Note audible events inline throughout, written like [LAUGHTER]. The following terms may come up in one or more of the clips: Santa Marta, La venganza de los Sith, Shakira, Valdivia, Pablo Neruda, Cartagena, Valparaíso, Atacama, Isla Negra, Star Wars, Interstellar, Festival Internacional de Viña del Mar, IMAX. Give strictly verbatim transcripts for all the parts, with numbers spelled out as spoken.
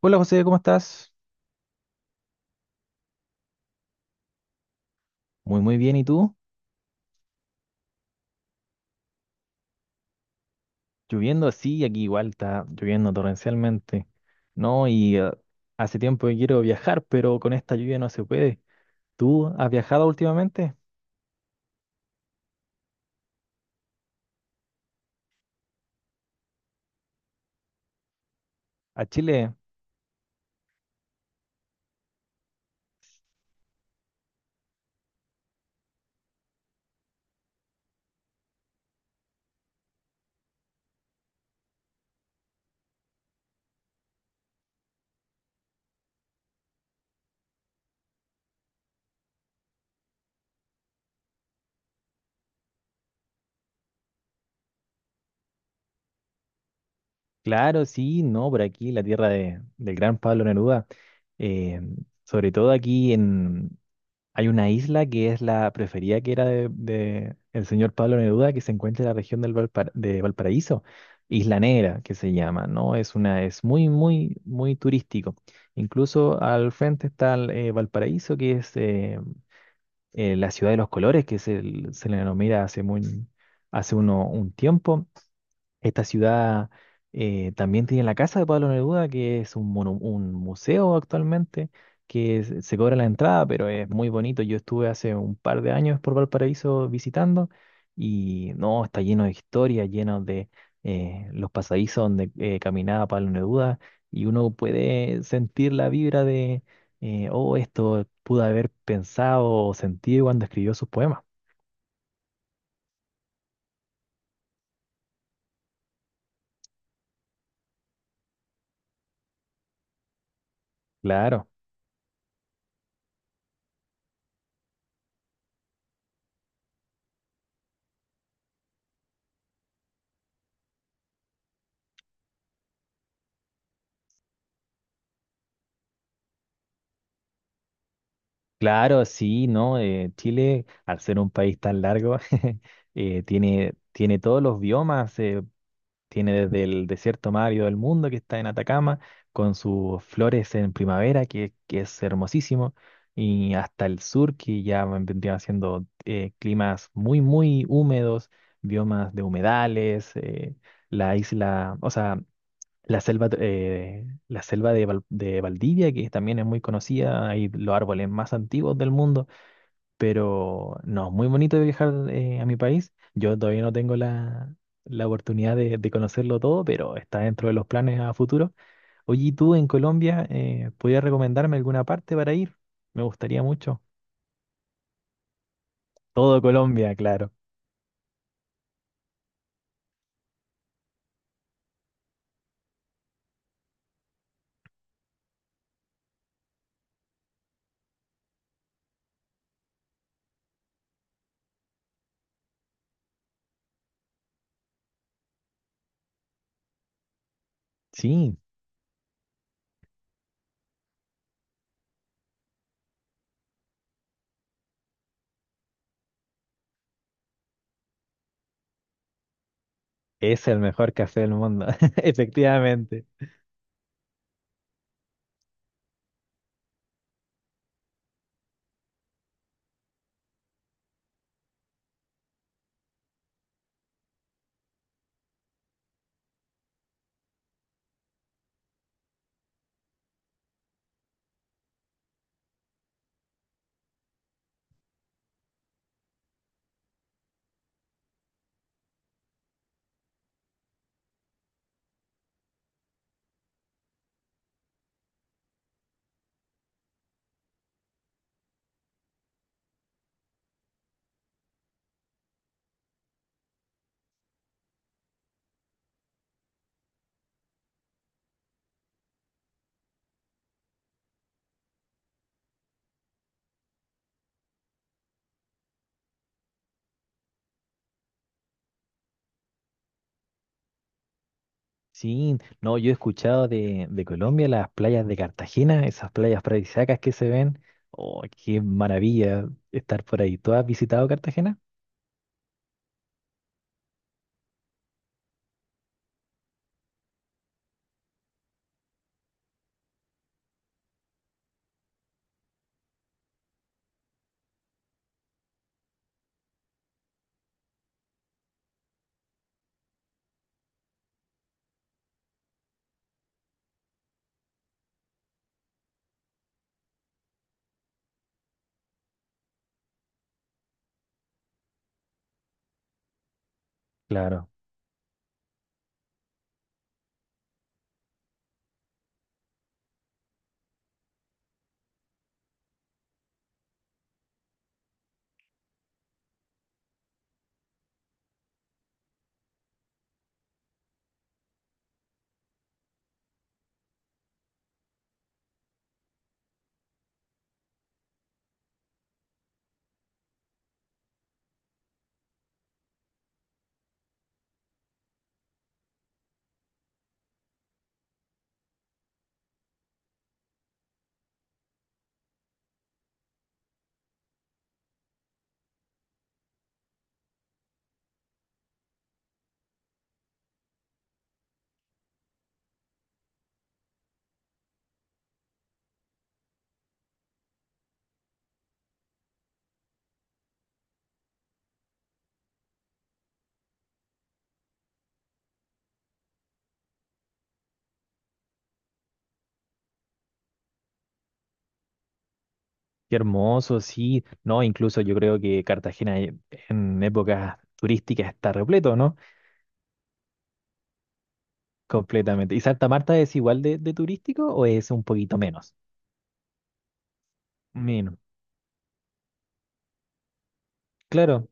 Hola José, ¿cómo estás? Muy muy bien, ¿y tú? Lloviendo así, aquí igual está lloviendo torrencialmente, ¿no? Y eh, hace tiempo que quiero viajar, pero con esta lluvia no se puede. ¿Tú has viajado últimamente? ¿A Chile? Claro, sí, no, por aquí, la tierra de, del gran Pablo Neruda. Eh, Sobre todo aquí en, hay una isla que es la preferida que era de, de el señor Pablo Neruda, que se encuentra en la región del Valpara- de Valparaíso, Isla Negra, que se llama, ¿no? Es una, es muy, muy, muy turístico. Incluso al frente está el, eh, Valparaíso, que es eh, eh, la ciudad de los colores, que se, se le denomina hace muy, hace uno, un tiempo. Esta ciudad eh, también tiene la casa de Pablo Neruda, que es un, monu- un museo actualmente, que se se cobra la entrada, pero es muy bonito. Yo estuve hace un par de años por Valparaíso visitando y no, está lleno de historia, lleno de eh, los pasadizos donde eh, caminaba Pablo Neruda y uno puede sentir la vibra de, eh, oh, esto pudo haber pensado o sentido cuando escribió sus poemas. Claro. Claro, sí, ¿no? Eh, Chile, al ser un país tan largo, [LAUGHS] eh, tiene, tiene todos los biomas, eh, tiene desde el desierto más árido del mundo, que está en Atacama, con sus flores en primavera, que, que es hermosísimo, y hasta el sur, que ya vendrían siendo eh, climas muy, muy húmedos, biomas de humedales, eh, la isla, o sea, la selva, eh, la selva de, Val- de Valdivia, que también es muy conocida, hay los árboles más antiguos del mundo, pero no, muy bonito de viajar eh, a mi país. Yo todavía no tengo la, la oportunidad de, de conocerlo todo, pero está dentro de los planes a futuro. Oye, ¿y tú en Colombia eh, podrías recomendarme alguna parte para ir? Me gustaría mucho. Todo Colombia, claro. Sí, es el mejor café del mundo, [LAUGHS] efectivamente. Sí, no, yo he escuchado de, de Colombia las playas de Cartagena, esas playas paradisíacas que se ven. Oh, qué maravilla estar por ahí. ¿Tú has visitado Cartagena? Claro. Qué hermoso, sí. No, incluso yo creo que Cartagena e- en épocas turísticas está repleto, ¿no? Completamente. ¿Y Santa Marta es igual de, de turístico o es un poquito menos? Menos. Claro.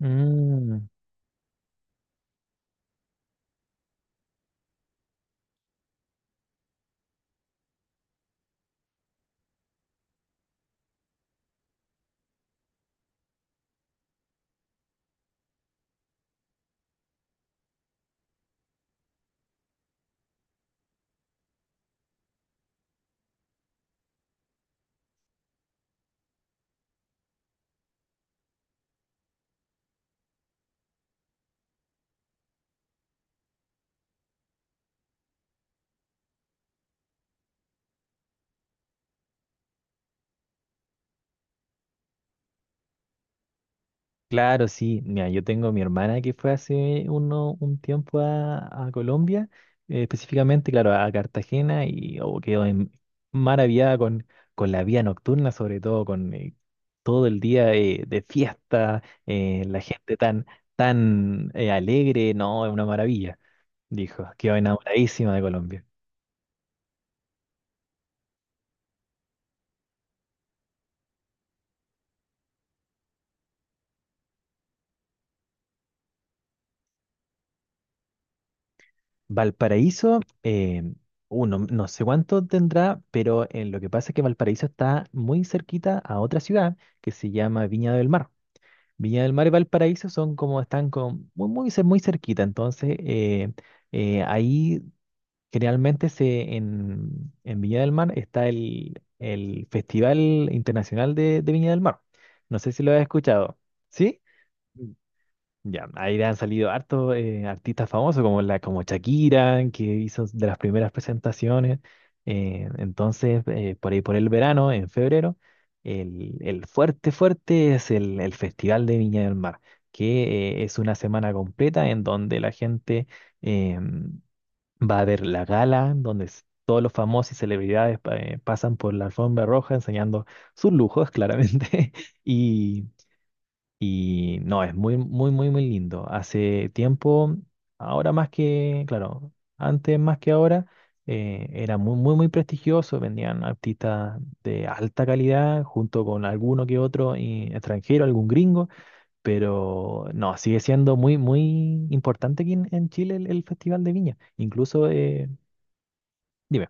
Mm, claro, sí. Mira, yo tengo mi hermana que fue hace uno, un tiempo a, a Colombia, eh, específicamente, claro, a Cartagena y oh, quedó en- maravillada con, con la vida nocturna, sobre todo con, eh, todo el día eh, de fiesta, eh, la gente tan, tan eh, alegre, no, es una maravilla, dijo. Quedó enamoradísima de Colombia. Valparaíso, eh, uh, no, no sé cuánto tendrá, pero eh, lo que pasa es que Valparaíso está muy cerquita a otra ciudad que se llama Viña del Mar. Viña del Mar y Valparaíso son como están con, muy, muy, cer- muy cerquita, entonces eh, eh, ahí generalmente se, en, en Viña del Mar está el, el Festival Internacional de, de Viña del Mar. No sé si lo has escuchado. ¿Sí? Mm. Ya, ahí han salido hartos eh, artistas famosos como, la, como Shakira, que hizo de las primeras presentaciones. Eh, entonces, eh, por ahí por el verano, en febrero, el, el fuerte, fuerte es el, el Festival de Viña del Mar, que eh, es una semana completa en donde la gente... em, Va a haber la gala, donde s- todos los famosos y celebridades pa- eh, pasan por la alfombra roja enseñando sus lujos, claramente. [LAUGHS] Y, y no, es muy, muy, muy, muy lindo. Hace tiempo, ahora más que, claro, antes más que ahora, eh, era muy, muy, muy prestigioso. Vendían artistas de alta calidad junto con alguno que otro eh, extranjero, algún gringo. Pero no, sigue siendo muy, muy importante aquí en, en Chile el, el Festival de Viña. Incluso eh, Dime.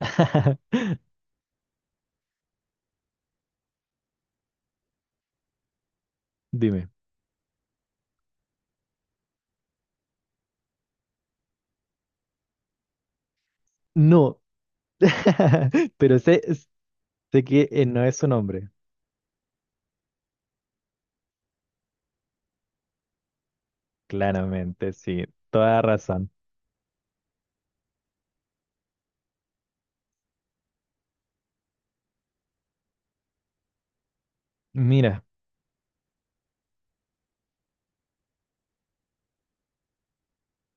[LAUGHS] Dime. No. [LAUGHS] Pero sé, sé que eh, no es su nombre. Claramente, sí. Toda razón. Mira,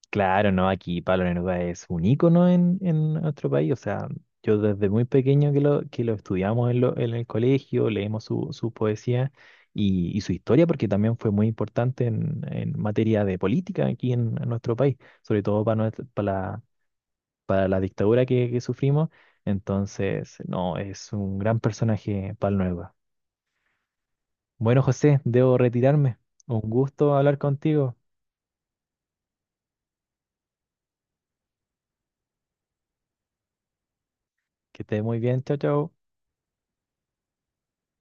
claro, no, aquí Pablo Neruda es un ícono en, en nuestro país. O sea, yo desde muy pequeño que lo, que lo estudiamos en, lo- en el colegio, leemos su, su poesía y, y su historia, porque también fue muy importante en, en materia de política aquí en, en nuestro país, sobre todo para, para la dictadura que, que sufrimos. Entonces, no, es un gran personaje Nueva. Bueno, José, debo retirarme. Un gusto hablar contigo. Que estés muy bien. Chao, chao.